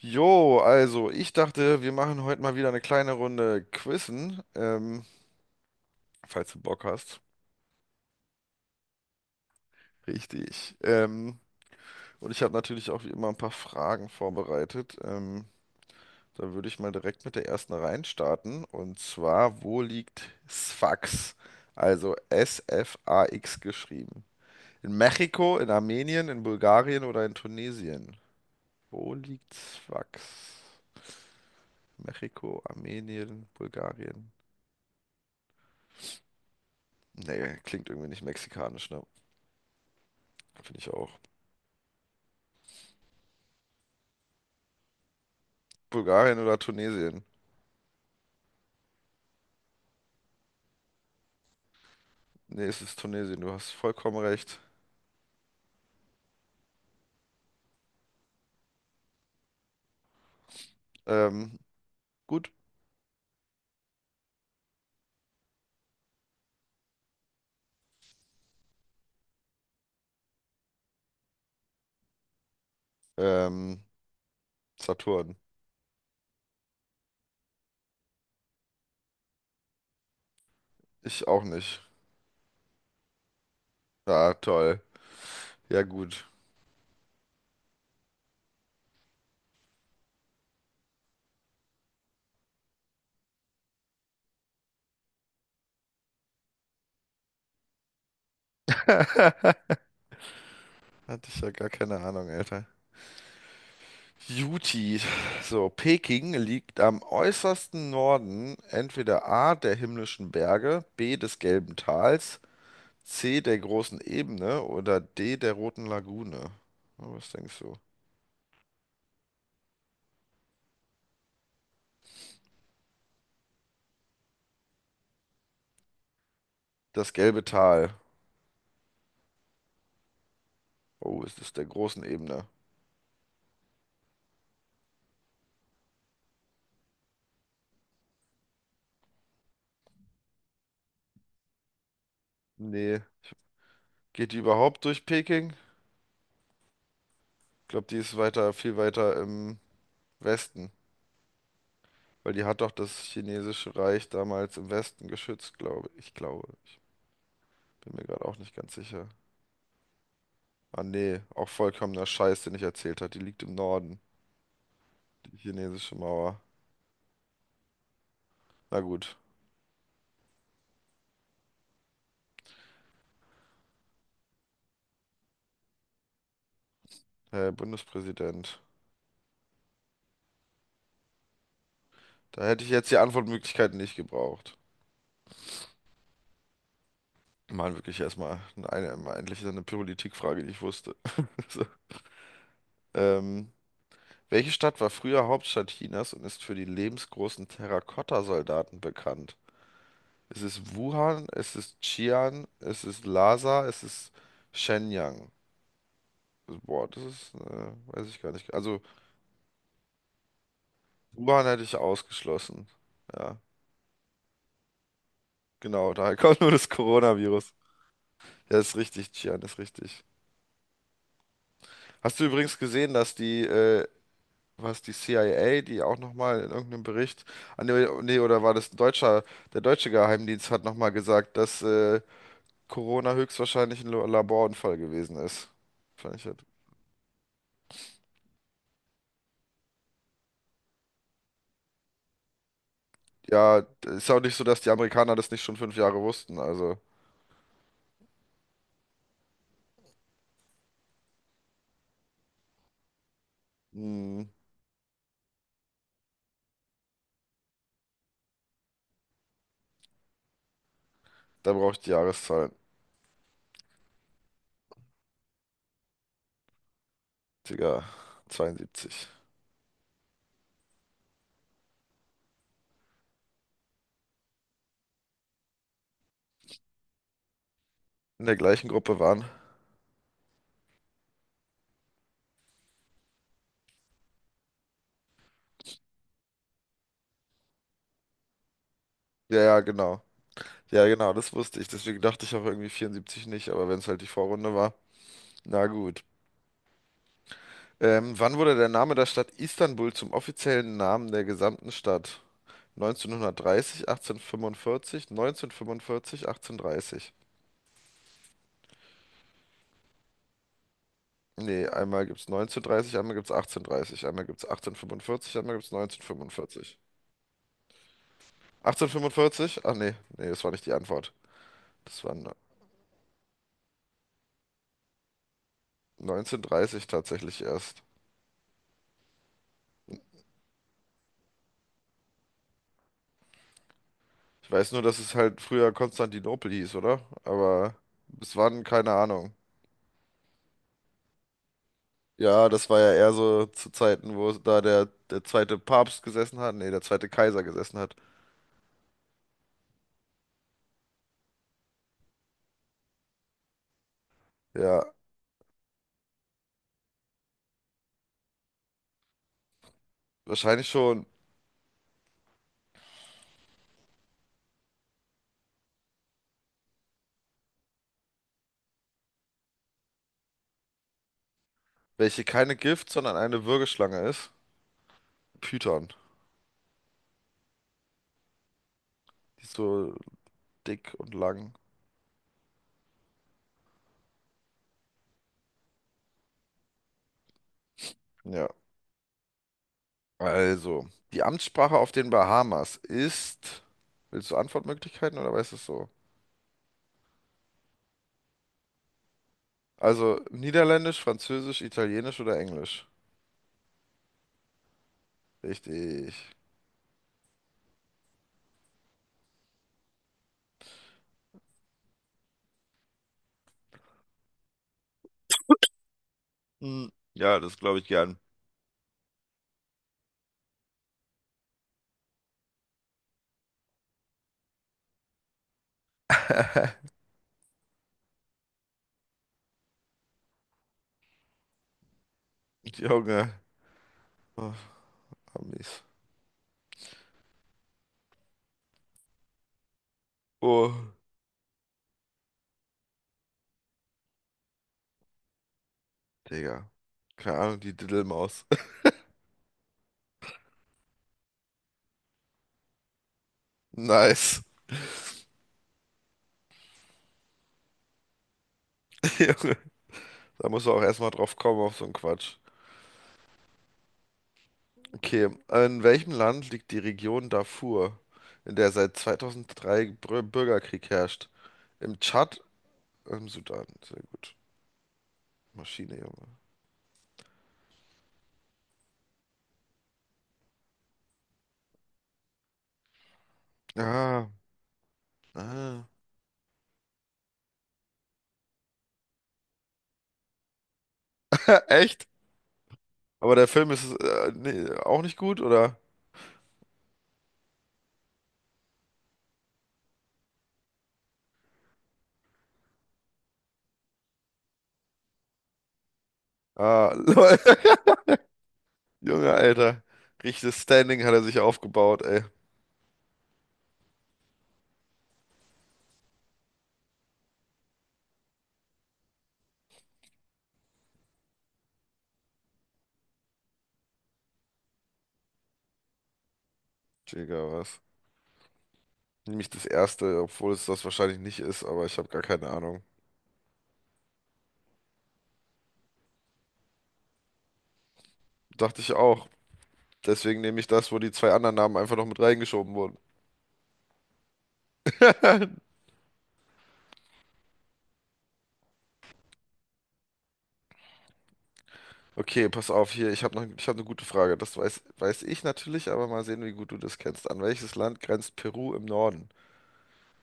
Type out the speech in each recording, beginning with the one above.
Jo, also ich dachte, wir machen heute mal wieder eine kleine Runde Quizzen, falls du Bock hast. Richtig. Und ich habe natürlich auch wie immer ein paar Fragen vorbereitet. Da würde ich mal direkt mit der ersten reinstarten. Und zwar, wo liegt Sfax? Also S-F-A-X geschrieben. In Mexiko, in Armenien, in Bulgarien oder in Tunesien? Wo liegt Sfax? Mexiko, Armenien, Bulgarien. Nee, klingt irgendwie nicht mexikanisch, ne? Finde ich auch. Bulgarien oder Tunesien? Nee, es ist Tunesien, du hast vollkommen recht. Ähm, gut. Ähm, Saturn. Ich auch nicht. Ah, toll. Ja, gut. Hatte ich ja gar keine Ahnung, Alter. Juti. So, Peking liegt am äußersten Norden entweder A der himmlischen Berge, B des Gelben Tals, C der großen Ebene oder D der Roten Lagune. Na, was denkst du? Das gelbe Tal. Oh, ist das der großen Ebene? Nee. Geht die überhaupt durch Peking? Ich glaube, die ist weiter, viel weiter im Westen. Weil die hat doch das chinesische Reich damals im Westen geschützt, glaube ich. Ich glaube. Ich bin mir gerade auch nicht ganz sicher. Ah, nee. Auch vollkommener Scheiß, den ich erzählt habe. Die liegt im Norden. Die chinesische Mauer. Na gut. Herr Bundespräsident. Da hätte ich jetzt die Antwortmöglichkeiten nicht gebraucht. Mann, wirklich erstmal eine, endlich so eine Politikfrage, die ich wusste. So. Ähm. Welche Stadt war früher Hauptstadt Chinas und ist für die lebensgroßen Terrakotta-Soldaten bekannt? Es ist Wuhan, es ist Xi'an, es ist Shenyang? Boah, das ist, weiß ich gar nicht. Also Wuhan hätte ich ausgeschlossen. Ja, genau, daher kommt nur das Coronavirus. Ja, ist richtig, Xi'an ist richtig. Hast du übrigens gesehen, dass die, was die CIA, die auch nochmal in irgendeinem Bericht, ah, nee, nee, oder war das ein deutscher, der deutsche Geheimdienst hat nochmal gesagt, dass Corona höchstwahrscheinlich ein Laborunfall gewesen ist. Fand ich halt. Ja, ist auch nicht so, dass die Amerikaner das nicht schon fünf Jahre wussten. Also, hm, da brauche ich die Jahreszahlen. Digga, 72. In der gleichen Gruppe waren. Ja, ja, genau. Ja, genau, das wusste ich. Deswegen dachte ich auch irgendwie 74 nicht, aber wenn es halt die Vorrunde war. Na gut. Wann wurde der Name der Stadt Istanbul zum offiziellen Namen der gesamten Stadt? 1930, 1845, 1945, 1830. Nee, einmal gibt's 1930, einmal gibt's 1830, einmal gibt's 1845, einmal gibt's 1945. 1845? Ach nee, nee, das war nicht die Antwort. Das war 1930 tatsächlich erst. Ich weiß nur, dass es halt früher Konstantinopel hieß, oder? Aber bis wann, keine Ahnung. Ja, das war ja eher so zu Zeiten, wo da der zweite Papst gesessen hat, nee, der zweite Kaiser gesessen hat. Ja, wahrscheinlich schon, welche keine Gift, sondern eine Würgeschlange ist. Python. Die ist so dick und lang. Ja. Also, die Amtssprache auf den Bahamas ist. Willst du Antwortmöglichkeiten oder weißt du es so? Also, Niederländisch, Französisch, Italienisch oder Englisch? Richtig. Hm, ja, das glaube ich gern. Junge. Oh, Amis. Oh, Digga. Keine Ahnung, die Diddelmaus. Nice. Junge. Da musst du auch erstmal drauf kommen auf so einen Quatsch. Okay, in welchem Land liegt die Region Darfur, in der seit 2003 Bürgerkrieg herrscht? Im Tschad, im Sudan, sehr gut. Maschine, Junge. Ah, ah. Echt? Aber der Film ist nee, auch nicht gut, oder? Ah, lol. Junge, Alter. Richtiges Standing hat er sich aufgebaut, ey. Digga, was? Nämlich das erste, obwohl es das wahrscheinlich nicht ist, aber ich habe gar keine Ahnung. Dachte ich auch. Deswegen nehme ich das, wo die zwei anderen Namen einfach noch mit reingeschoben wurden. Okay, pass auf, hier, ich habe noch, ich hab eine gute Frage. Das weiß ich natürlich, aber mal sehen, wie gut du das kennst. An welches Land grenzt Peru im Norden?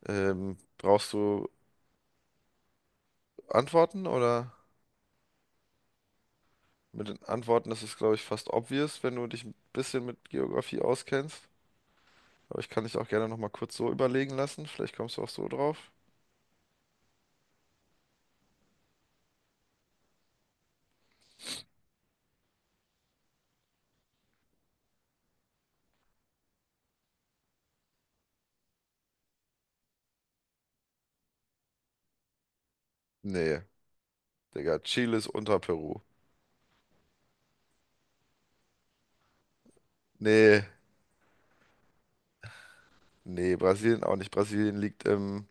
Brauchst du Antworten oder? Mit den Antworten ist es, glaube ich, fast obvious, wenn du dich ein bisschen mit Geografie auskennst. Aber ich kann dich auch gerne nochmal kurz so überlegen lassen. Vielleicht kommst du auch so drauf. Nee, Digga, Chile ist unter Peru. Nee, nee, Brasilien auch nicht. Brasilien liegt im,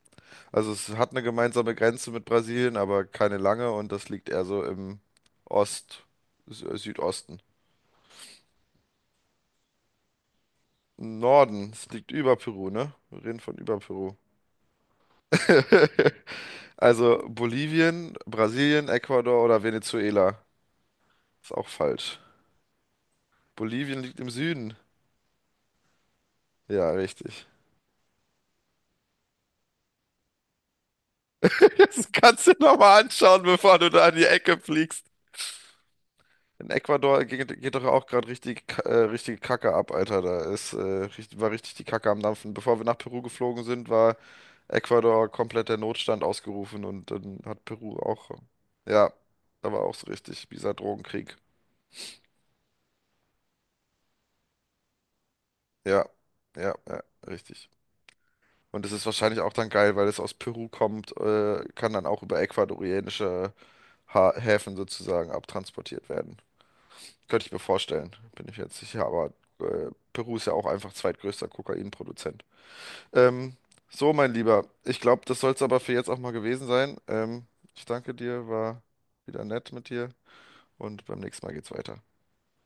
also es hat eine gemeinsame Grenze mit Brasilien, aber keine lange und das liegt eher so im Ost, Südosten. Norden, es liegt über Peru, ne? Wir reden von über Peru. Also Bolivien, Brasilien, Ecuador oder Venezuela. Ist auch falsch. Bolivien liegt im Süden. Ja, richtig. Das kannst du nochmal anschauen, bevor du da in die Ecke fliegst. In Ecuador geht doch auch gerade richtig, richtige Kacke ab, Alter. Da ist, richtig, war richtig die Kacke am Dampfen. Bevor wir nach Peru geflogen sind, war Ecuador komplett der Notstand ausgerufen und dann hat Peru auch. Ja, da war auch so richtig, dieser Drogenkrieg. Ja, ja, ja, richtig. Und das ist wahrscheinlich auch dann geil, weil es aus Peru kommt, kann dann auch über ecuadorianische ha Häfen sozusagen abtransportiert werden. Könnte ich mir vorstellen, bin ich jetzt sicher, aber Peru ist ja auch einfach zweitgrößter Kokainproduzent. Ähm, so, mein Lieber, ich glaube, das soll es aber für jetzt auch mal gewesen sein. Ich danke dir, war wieder nett mit dir und beim nächsten Mal geht's weiter.